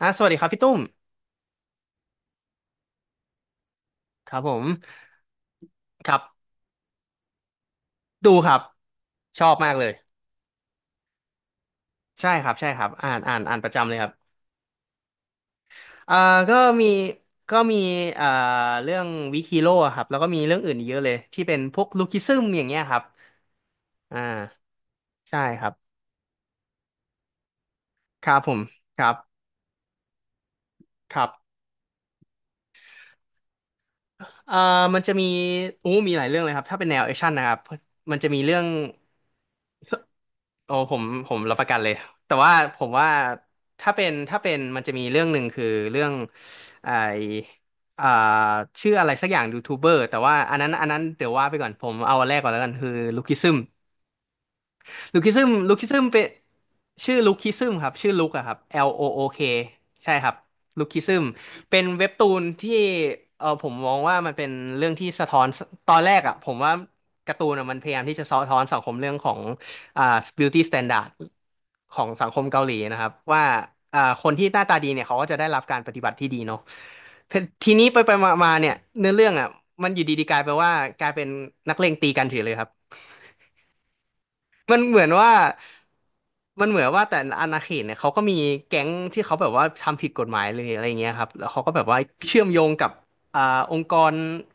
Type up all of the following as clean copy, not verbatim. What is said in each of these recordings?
อ่ะสวัสดีครับพี่ตุ้มครับผมครับดูครับชอบมากเลยใช่ครับใช่ครับอ่านอ่านอ่านประจำเลยครับอ่าก็มีมีอ่าเรื่องวิคิโร่ครับแล้วก็มีเรื่องอื่นอีกเยอะเลยที่เป็นพวกลูคิซึมอย่างเงี้ยครับอ่าใช่ครับครับผมครับครับเอ่อมันจะมีอู้มีหลายเรื่องเลยครับถ้าเป็นแนวแอคชั่นนะครับมันจะมีเรื่อง โอ้ผมรับประกันเลยแต่ว่าผมว่าถ้าเป็นมันจะมีเรื่องหนึ่งคือเรื่องไออ่าชื่ออะไรสักอย่างยูทูบเบอร์แต่ว่าอันนั้นเดี๋ยวว่าไปก่อนผมเอาอันแรกก่อนแล้วกันคือลูคิซึม ลูคิซึมเป็นชื่อลูคิซึมครับชื่อลุคอะครับ Look ใช่ครับลูคิซึมเป็นเว็บตูนที่เออผมมองว่ามันเป็นเรื่องที่สะท้อนตอนแรกอะผมว่าการ์ตูนอะมันพยายามที่จะสะท้อนสังคมเรื่องของอ่า beauty standard ของสังคมเกาหลีนะครับว่าคนที่หน้าตาดีเนี่ยเขาก็จะได้รับการปฏิบัติที่ดีเนาะทีนี้ไปมาเนี่ยเนื้อเรื่องอะมันอยู่ดีๆกลายไปว่ากลายเป็นนักเลงตีกันเฉยเลยครับ มันเหมือนว่ามันเหมือนว่าแต่อาณาเขตเนี่ยเขาก็มีแก๊งที่เขาแบบว่าทำผิดกฎหมายเลยอะไรอย่างเงี้ยครับแล้วเขาก็แบบว่าเชื่อมโยงกับอ่าองค์กร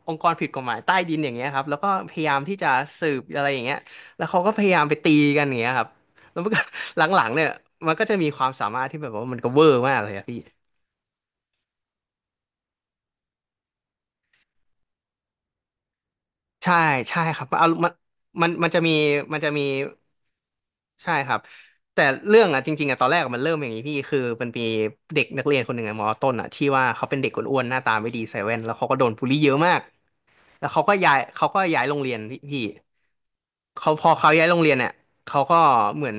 องค์กรผิดกฎหมายใต้ดินอย่างเงี้ยครับแล้วก็พยายามที่จะสืบอะไรอย่างเงี้ยแล้วเขาก็พยายามไปตีกันอย่างเงี้ยครับแล้วมันก็ หลังๆเนี่ยมันก็จะมีความสามารถที่แบบว่ามันก็เวอร์มากเลยอะพี่ ใช่ใช่ครับเอามันจะมีมันจะมีใช่ครับแต่เรื่องอ่ะจริงๆอ่ะตอนแรกอะมันเริ่มอย่างนี้พี่คือมันมีเด็กนักเรียนคนหนึ่งอ่ะมอต้นอ่ะที่ว่าเขาเป็นเด็กอ้วนๆหน้าตาไม่ดีเซเว่นแล้วเขาก็โดนบูลลี่เยอะมากแล้วเขาก็ย้ายโรงเรียนพี่ เขาพอเขาย้ายโรงเรียนเนี่ยเขาก็เหมือน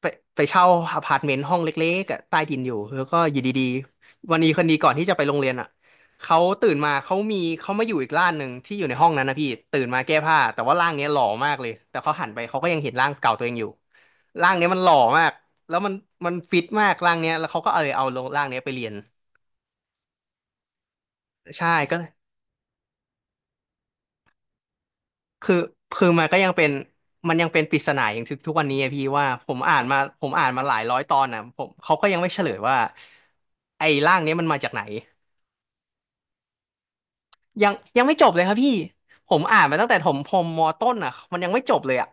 ไปไปเช่าอพาร์ตเมนต์ห้องเล็กๆอะใต้ดินอยู่แล้วก็อยู่ดีๆวันนี้คนดีก่อนที่จะไปโรงเรียนอ่ะเขาตื่นมาเขามีเขามาอยู่อีกร่างหนึ่งที่อยู่ในห้องนั้นนะพี่ตื่นมาแก้ผ้าแต่ว่าร่างเนี้ยหล่อมากเลยแต่เขาหันไปเขาก็ยังเห็นร่างเก่าตัวเองอยู่ร่างเนี้ยมันหล่อมากแล้วมันฟิตมากร่างเนี้ยแล้วเขาก็เลยเอาร่างเนี้ยไปเรียนใช่ก็ คือคือมันก็ยังเป็นมันยังเป็นปริศนาอย่างทุกวันนี้อะพี่ว่าผมอ่านมาหลายร้อยตอนนะผมเขาก็ยังไม่เฉลยว่าไอ้ร่างเนี้ยมันมาจากไหนยังไม่จบเลยครับพี่ผมอ่านมาตั้งแต่ถมพรมมอต้นอ่ะมันยังไม่จบเลยอ่ะ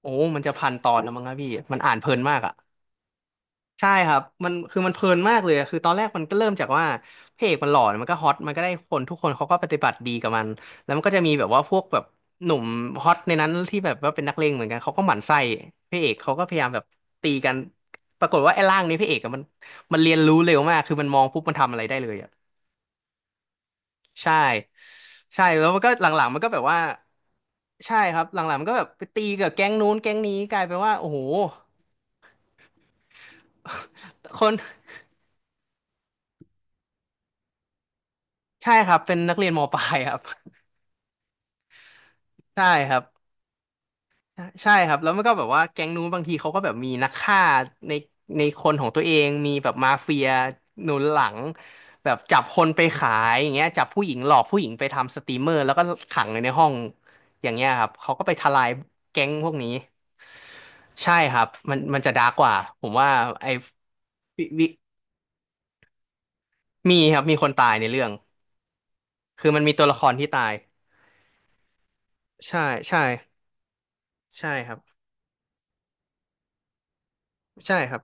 โอ้มันจะพันตอนแล้วมั้งครับพี่มันอ่านเพลินมากอ่ะ ใช่ครับมันคือมันเพลินมากเลยอะคือตอนแรกมันก็เริ่มจากว่าพระเอกมันหล่อมันก็ฮอตมันก็ได้คนทุกคนเขาก็ปฏิบัติดีกับมันแล้วมันก็จะมีแบบว่าพวกแบบหนุ่มฮอตในนั้นที่แบบว่าเป็นนักเลงเหมือนกันเขาก็หมั่นไส้พระเอกเขาก็พยายามแบบตีกันปรากฏว่าไอ้ร่างนี้พระเอกอะมันเรียนรู้เร็วมากคือมันมองปุ๊บมันทำอะไรได้เลยอ่ะใช่ใช่แล้วมันก็หลังๆมันก็แบบว่าใช่ครับหลังๆมันก็แบบไปตีกับแก๊งนู้นแก๊งนี้กลายเป็นว่าโอ้โหคนใช่ครับเป็นนักเรียนมปลายครับ ใช่ครับ ใช่ครับแล้วมันก็แบบว่าแก๊งนู้นบางทีเขาก็แบบมีนักฆ่าในในคนของตัวเองมีแบบมาเฟียหนุนหลังแบบจับคนไปขายอย่างเงี้ยจับผู้หญิงหลอกผู้หญิงไปทำสตรีมเมอร์แล้วก็ขังไว้ในห้องอย่างเงี้ยครับเขาก็ไปทลายแก๊งพวกนี้ใช่ครับมันจะดาร์กกว่าผมว่าไอ้วิวิมีครับมีคนตายในเรื่องคือมันมีตัวละครที่ตายใช่ใช่ใช่ครับ ใช่ครับ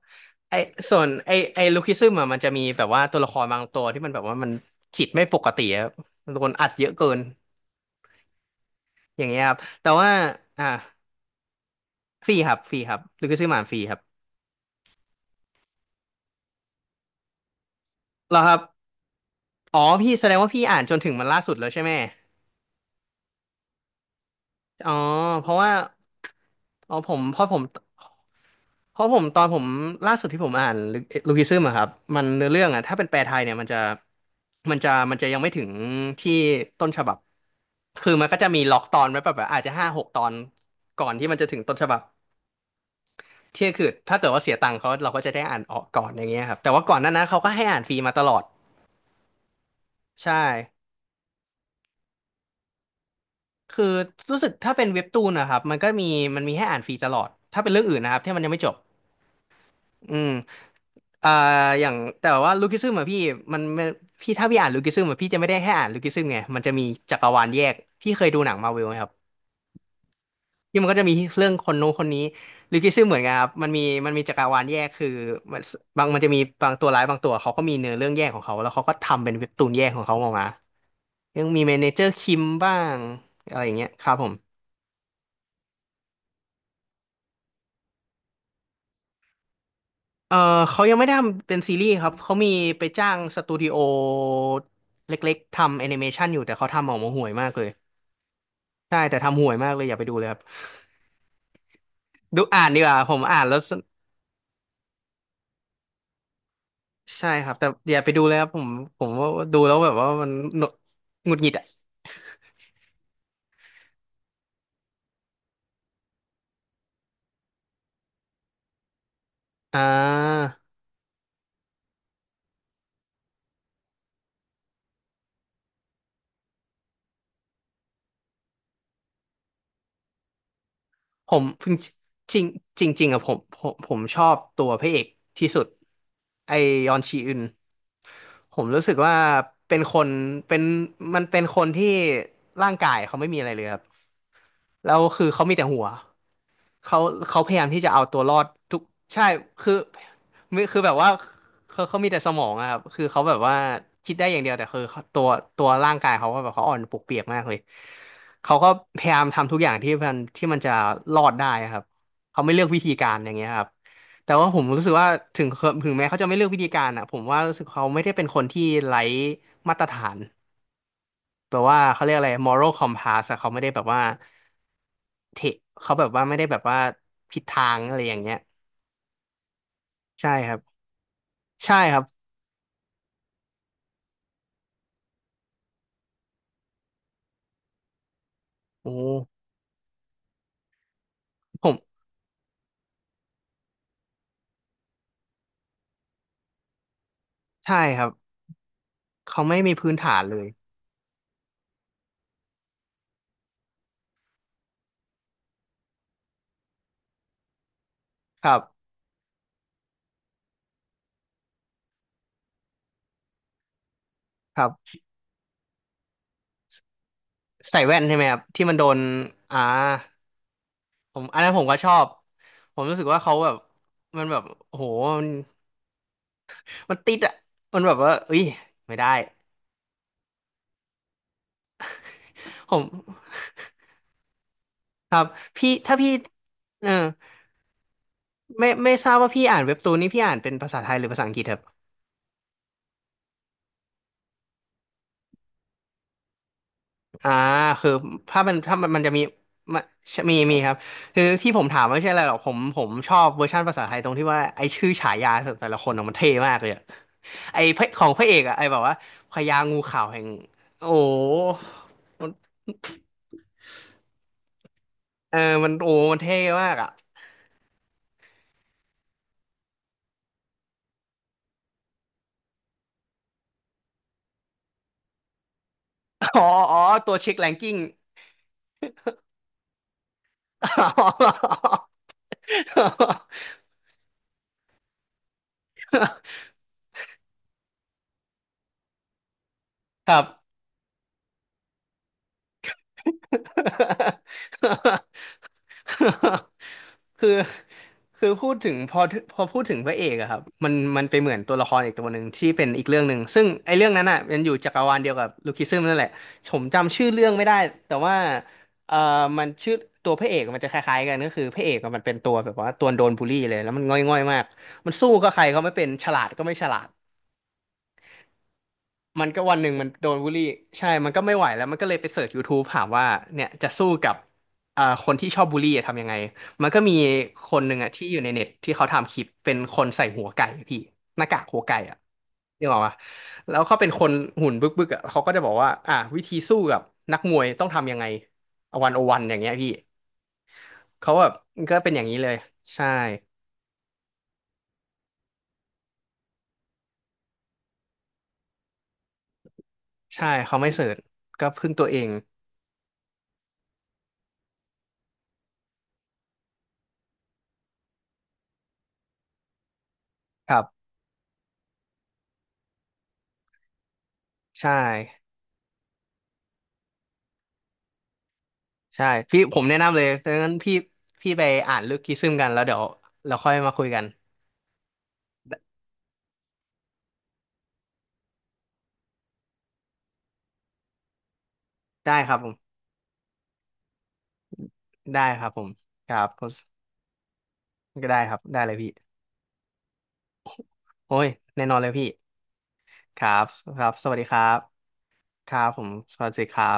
ไอส่วนไอไอลูคิซึมอะมันจะมีแบบว่าตัวละครบางตัวที่มันแบบว่ามันจิตไม่ปกติครับโดนอัดเยอะเกินอย่างเงี้ยครับแต่ว่าอ่าฟรีครับฟรีครับลูคิซึมอ่านฟรีครับเหรอครับอ๋อพี่แสดงว่าพี่อ่านจนถึงมันล่าสุดแล้วใช่ไหมอ๋อเพราะว่าอ๋อผมเพราะผม เพราะผมตอนผมล่าสุดที่ผมอ่านลูคิซึมอะครับมันเนื้อเรื่องอะถ้าเป็นแปลไทยเนี่ยมันจะมันจะยังไม่ถึงที่ต้นฉบับคือมันก็จะมีล็อกตอนไว้แบบอาจจะห้าหกตอนก่อนที่มันจะถึงต้นฉบับเที่ยคือถ้าเกิดว่าเสียตังค์เขาเราก็จะได้อ่านออกก่อนอย่างเงี้ยครับแต่ว่าก่อนหน้านั้นเขาก็ให้อ่านฟรีมาตลอดใช่คือรู้สึกถ้าเป็นเว็บตูนนะครับมันก็มีมันมีให้อ่านฟรีตลอดถ้าเป็นเรื่องอื่นนะครับที่มันยังไม่จบอืม อ่าอย่างแต่ว่าลูคิซึมอะพี่มันพี่ถ้าพี่อ่านลูคิซึมอะพี่จะไม่ได้แค่อ่านลูคิซึมไงมันจะมีจักรวาลแยกพี่เคยดูหนังมาร์วลไหมครับที่มันก็จะมีเรื่องคนนู้นคนนี้ลูคิซึมเหมือนกันครับมันมีมันมีจักรวาลแยกคือมันบางมันจะมีบางตัวร้ายบางตัวเขาก็มีเนื้อเรื่องแยกของเขาแล้วเขาก็ทำเป็นเว็บตูนแยกของเขาออกมายังมีเมเนเจอร์คิมบ้างอะไรอย่างเงี้ยครับผมเออเขายังไม่ได้ทำเป็นซีรีส์ครับเขามีไปจ้างสตูดิโอเล็กๆทำแอนิเมชันอยู่แต่เขาทำออกมาห่วยมากเลย ใช่แต่ทำห่วยมากเลยอย่าไปดูเลยครับดูอ่านดีกว่าผมอ่านแล้วสใช่ครับแต่อย่าไปดูเลยครับผมผมว่าดูแล้วแบบว่ามันหนกหงุดหงิดอ่ะอ่าผมจริงจริงจริงๆอ่ะผมชอบตัวพระเอกที่สุดไอยอนชีอึนผมรู้สึกว่าเป็นคนเป็นมันเป็นคนที่ร่างกายเขาไม่มีอะไรเลยครับแล้วคือเขามีแต่หัวเขาเขาพยายามที่จะเอาตัวรอดทุกใช่คือ ไม่คือแบบว่าเขามีแต่สมองอะครับคือเขาแบบว่าคิดได้อย่างเดียวแต่คือเขาตัวตัวร่างกายเขาก็แบบเขาอ่อนปวกเปียกมากเลยเขาก็พยายามทำทุกอย่างที่มันที่มันจะรอดได้อะครับเขาไม่เลือกวิธีการอย่างเงี้ยครับแต่ว่าผมรู้สึกว่าถึงเขาถึงแม้เขาจะไม่เลือกวิธีการอะผมว่ารู้สึกเขาไม่ได้เป็นคนที่ไร้มาตรฐานแปลว่าเขาเรียกอะไร moral compass อะเขาไม่ได้แบบว่าเทเขาแบบว่าไม่ได้แบบว่าผิดทางอะไรอย่างเงี้ยใช่ครับใช่ครับโอ้ผม ใช่ครับเขาไม่มีพื้นฐานเลยครับครับใส่แว่นใช่ไหมครับที่มันโดนอ่าผมอันนั้นผมก็ชอบผมรู้สึกว่าเขาแบบมันแบบโอ้โหมันมันติดอ่ะมันแบบว่าเอ้ยไม่ได้ผมครับพี่ถ้าพี่เออไม่ทราบว่าพี่อ่านเว็บตูนนี่พี่อ่านเป็นภาษาไทยหรือภาษาอังกฤษครับ อ่าคือถ้ามันมันจะมีมันมีมีครับคือที่ผมถามไม่ใช่อะไรหรอกผมชอบเวอร์ชันภาษาไทยตรงที่ว่าไอชื่อฉายาแต่ละคนอะมันเท่มากเลยอะไอพระของพระเอกอะไอแบบว่าพญางูขาวแห่งโอ้โหมันเออมันโอ้มันเท่มากอะอ๋ออ๋อตัวเช็คแรงกิ้งอ๋อ ครับ คือคือพูดถึงพอพอพูดถึงพระเอกอะครับมันมันไปเหมือนตัวละครอีกตัวหนึ่งที่เป็นอีกเรื่องหนึ่งซึ่งไอ้เรื่องนั้นอะมันอยู่จักรวาลเดียวกับลูคิซึมนั่นแหละผมจำชื่อเรื่องไม่ได้แต่ว่าเอ่อมันชื่อตัวพระเอกมันจะคล้ายๆกันก็คือพระเอกอะมันเป็นตัวแบบว่าตัวโดนบูลลี่เลยแล้วมันง่อยๆมากมันสู้ก็ใครก็ไม่เป็นฉลาดก็ไม่ฉลาด มันก็วันหนึ่งมันโดนบูลลี่ใช่มันก็ไม่ไหวแล้วมันก็เลยไปเสิร์ช YouTube ถามว่าเนี่ยจะสู้กับคนที่ชอบบูลลี่อะทำยังไงมันก็มีคนหนึ่งอ่ะที่อยู่ในเน็ตที่เขาทำคลิปเป็นคนใส่หัวไก่อะพี่หน้ากากหัวไก่อ่ะนึกออกปะแล้วเขาเป็นคนหุ่นบึกบึกอ่ะเขาก็จะบอกว่าอ่ะวิธีสู้กับนักมวยต้องทำยังไง101อย่างเงี้ยพี่เขาแบบก็เป็นอย่างนี้เลยใช่ใช่เขาไม่เสิร์ชก็พึ่งตัวเองครับใช่ ใช่พี่ผมแนะนำเลยดังนั้นพี่พี่ไปอ่านลึกคิดซึมกันแล้วเดี๋ยวเราค่อยมาคุยกันได้ได้ครับผมได้ครับผมครับก็ได้ครับได้เลยพี่โอ้ยแน่นอนเลยพี่ครับครับสวัสดีครับครับผมสวัสดีครับ